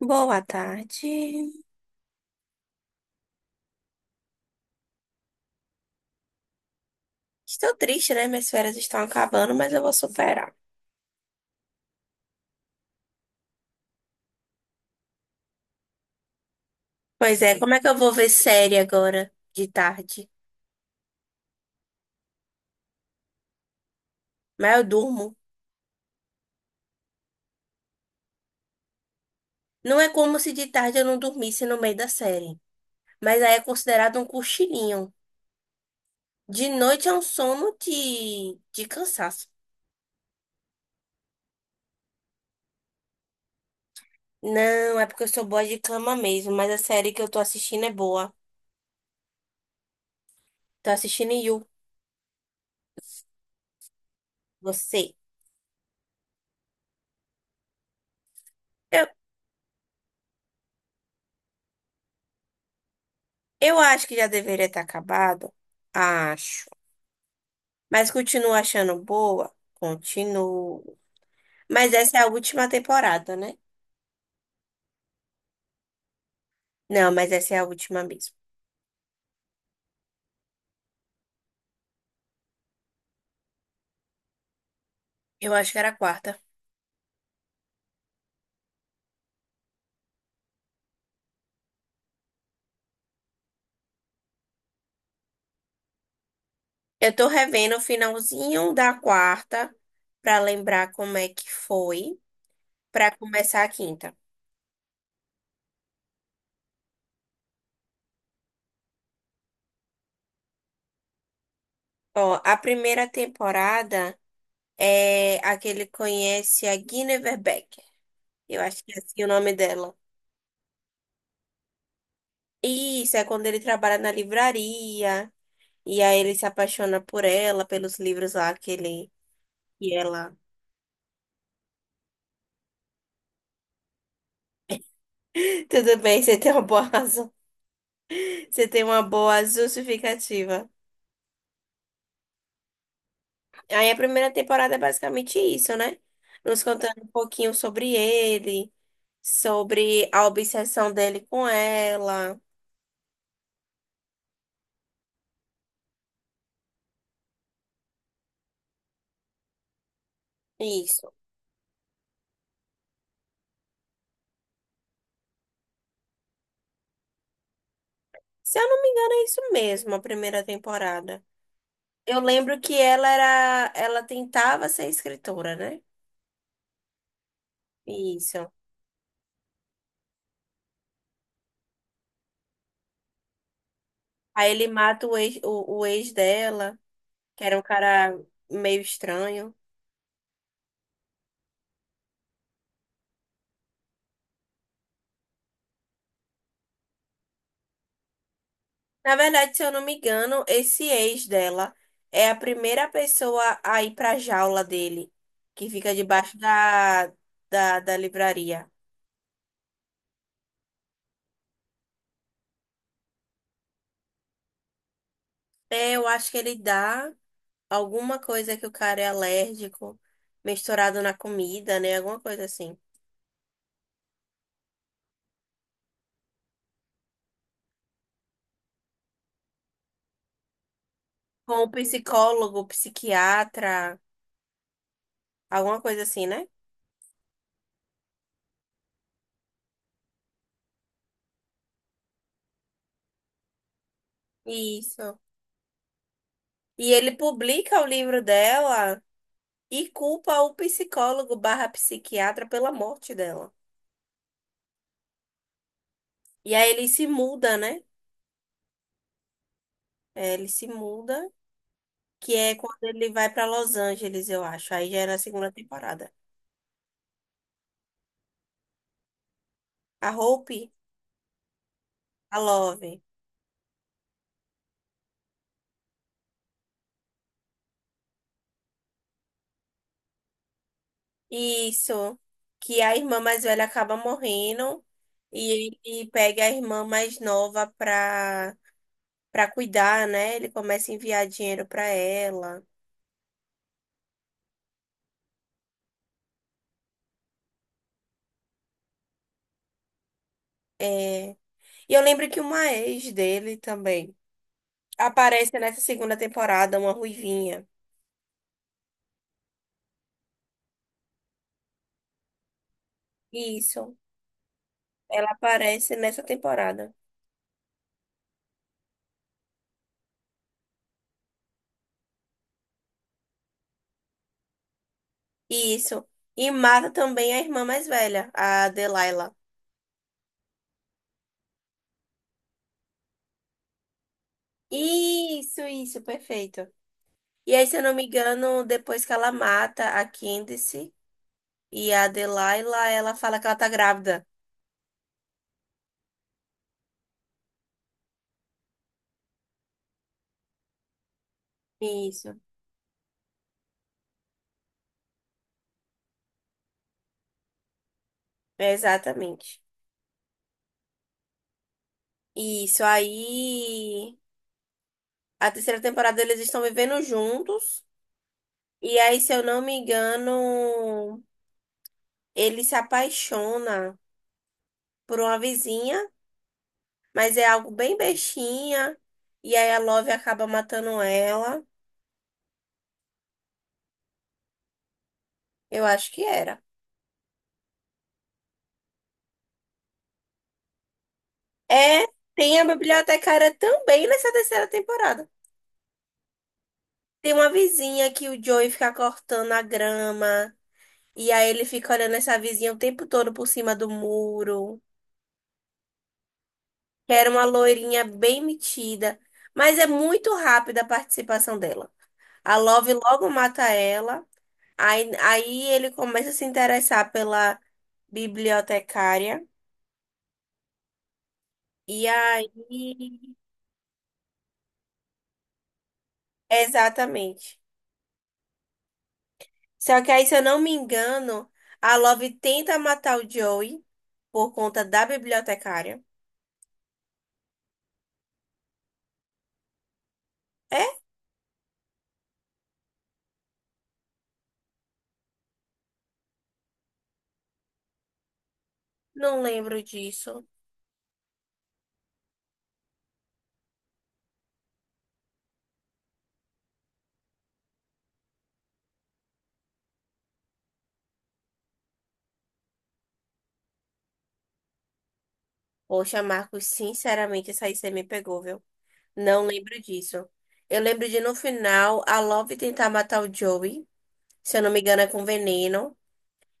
Boa tarde. Estou triste, né? Minhas férias estão acabando, mas eu vou superar. Pois é, como é que eu vou ver série agora de tarde? Mas eu durmo. Não é como se de tarde eu não dormisse no meio da série. Mas aí é considerado um cochilinho. De noite é um sono de cansaço. Não, é porque eu sou boa de cama mesmo, mas a série que eu tô assistindo é boa. Tô assistindo You, você. Eu, eu acho que já deveria ter acabado. Acho. Mas continuo achando boa? Continuo. Mas essa é a última temporada, né? Não, mas essa é a última mesmo. Eu acho que era a quarta. Eu tô revendo o finalzinho da quarta pra lembrar como é que foi pra começar a quinta. Ó, a primeira temporada é a que ele conhece a Guinevere Becker. Eu acho que é assim o nome dela. Isso, é quando ele trabalha na livraria e aí ele se apaixona por ela, pelos livros lá que ele e ela. Tudo bem, você tem uma boa razão. Você tem uma boa justificativa. Aí a primeira temporada é basicamente isso, né? Nos contando um pouquinho sobre ele, sobre a obsessão dele com ela. Isso. Se eu não me engano, é isso mesmo, a primeira temporada. Eu lembro que ela era, ela tentava ser escritora, né? Isso. Aí ele mata o ex, o ex dela, que era um cara meio estranho. Na verdade, se eu não me engano, esse ex dela é a primeira pessoa a ir pra jaula dele, que fica debaixo da livraria. É, eu acho que ele dá alguma coisa que o cara é alérgico, misturado na comida, né? Alguma coisa assim. Com o psicólogo, psiquiatra, alguma coisa assim, né? Isso. E ele publica o livro dela e culpa o psicólogo barra psiquiatra pela morte dela. E aí ele se muda, né? É, ele se muda, que é quando ele vai pra Los Angeles, eu acho. Aí já é na segunda temporada. A Hope, a Love. Isso. Que é a irmã mais velha acaba morrendo e ele pega a irmã mais nova pra, pra cuidar, né? Ele começa a enviar dinheiro pra ela. É. E eu lembro que uma ex dele também aparece nessa segunda temporada, uma ruivinha. Isso. Ela aparece nessa temporada. Isso. E mata também a irmã mais velha, a Delilah. Isso, perfeito. E aí, se eu não me engano, depois que ela mata a Candice e a Delilah, ela fala que ela tá grávida. Isso. Exatamente. Isso. Aí, a terceira temporada eles estão vivendo juntos. E aí, se eu não me engano, ele se apaixona por uma vizinha, mas é algo bem bestinha. E aí, a Love acaba matando ela. Eu acho que era. É, tem a bibliotecária também nessa terceira temporada. Tem uma vizinha que o Joey fica cortando a grama. E aí ele fica olhando essa vizinha o tempo todo por cima do muro. Que era uma loirinha bem metida. Mas é muito rápida a participação dela. A Love logo mata ela. Aí ele começa a se interessar pela bibliotecária. E aí. Exatamente. Só que aí, se eu não me engano, a Love tenta matar o Joey por conta da bibliotecária. É? Não lembro disso. Poxa, Marcos, sinceramente, essa aí você me pegou, viu? Não lembro disso. Eu lembro de no final a Love tentar matar o Joey, se eu não me engano, é com veneno.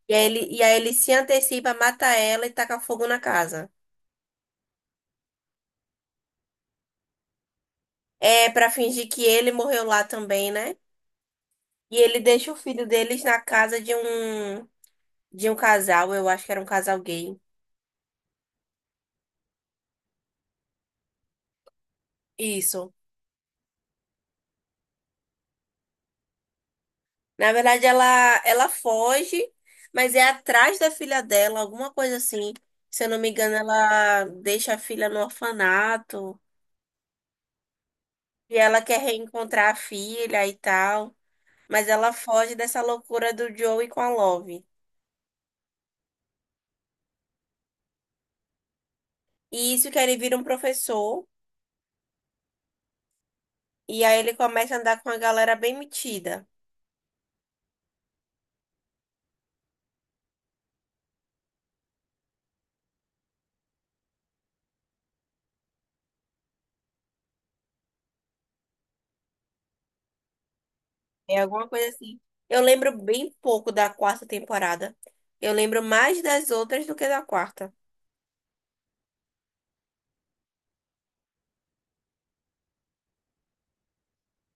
E aí ele se antecipa, mata ela e taca fogo na casa. É pra fingir que ele morreu lá também, né? E ele deixa o filho deles na casa de um casal, eu acho que era um casal gay. Isso. Na verdade, ela foge, mas é atrás da filha dela, alguma coisa assim. Se eu não me engano, ela deixa a filha no orfanato e ela quer reencontrar a filha e tal. Mas ela foge dessa loucura do Joey com a Love. E isso que ele vira um professor. E aí ele começa a andar com uma galera bem metida. É alguma coisa assim. Eu lembro bem pouco da quarta temporada. Eu lembro mais das outras do que da quarta.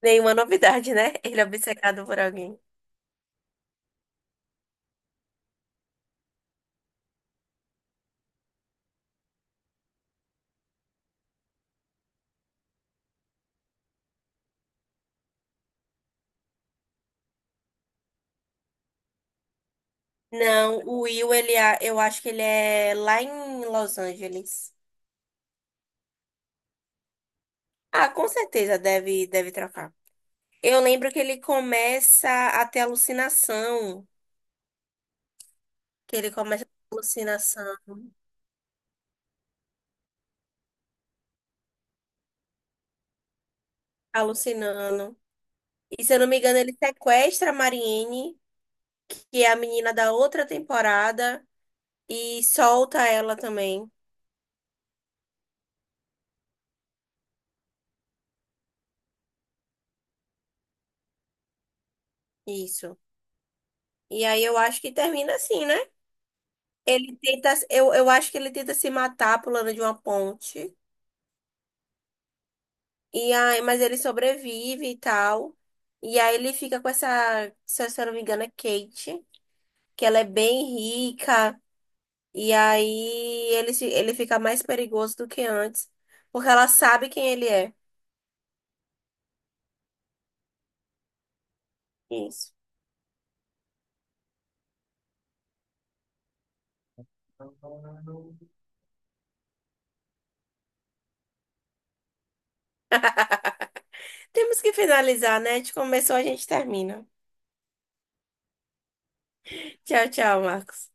Nenhuma novidade, né? Ele é obcecado por alguém. Não, o Will, ele, é- eu acho que ele é lá em Los Angeles. Ah, com certeza deve, deve trocar. Eu lembro que ele começa a ter alucinação. Que ele começa a ter alucinação, alucinando. E se eu não me engano, ele sequestra a Marianne, que é a menina da outra temporada, e solta ela também. Isso. E aí eu acho que termina assim, né? Ele tenta, eu acho que ele tenta se matar pulando de uma ponte. E aí, mas ele sobrevive e tal. E aí ele fica com essa, se eu não me engano, é Kate, que ela é bem rica. E aí ele, se- ele fica mais perigoso do que antes, porque ela sabe quem ele é. Isso. Temos que finalizar, né? A gente começou, a gente termina. Tchau, tchau, Marcos.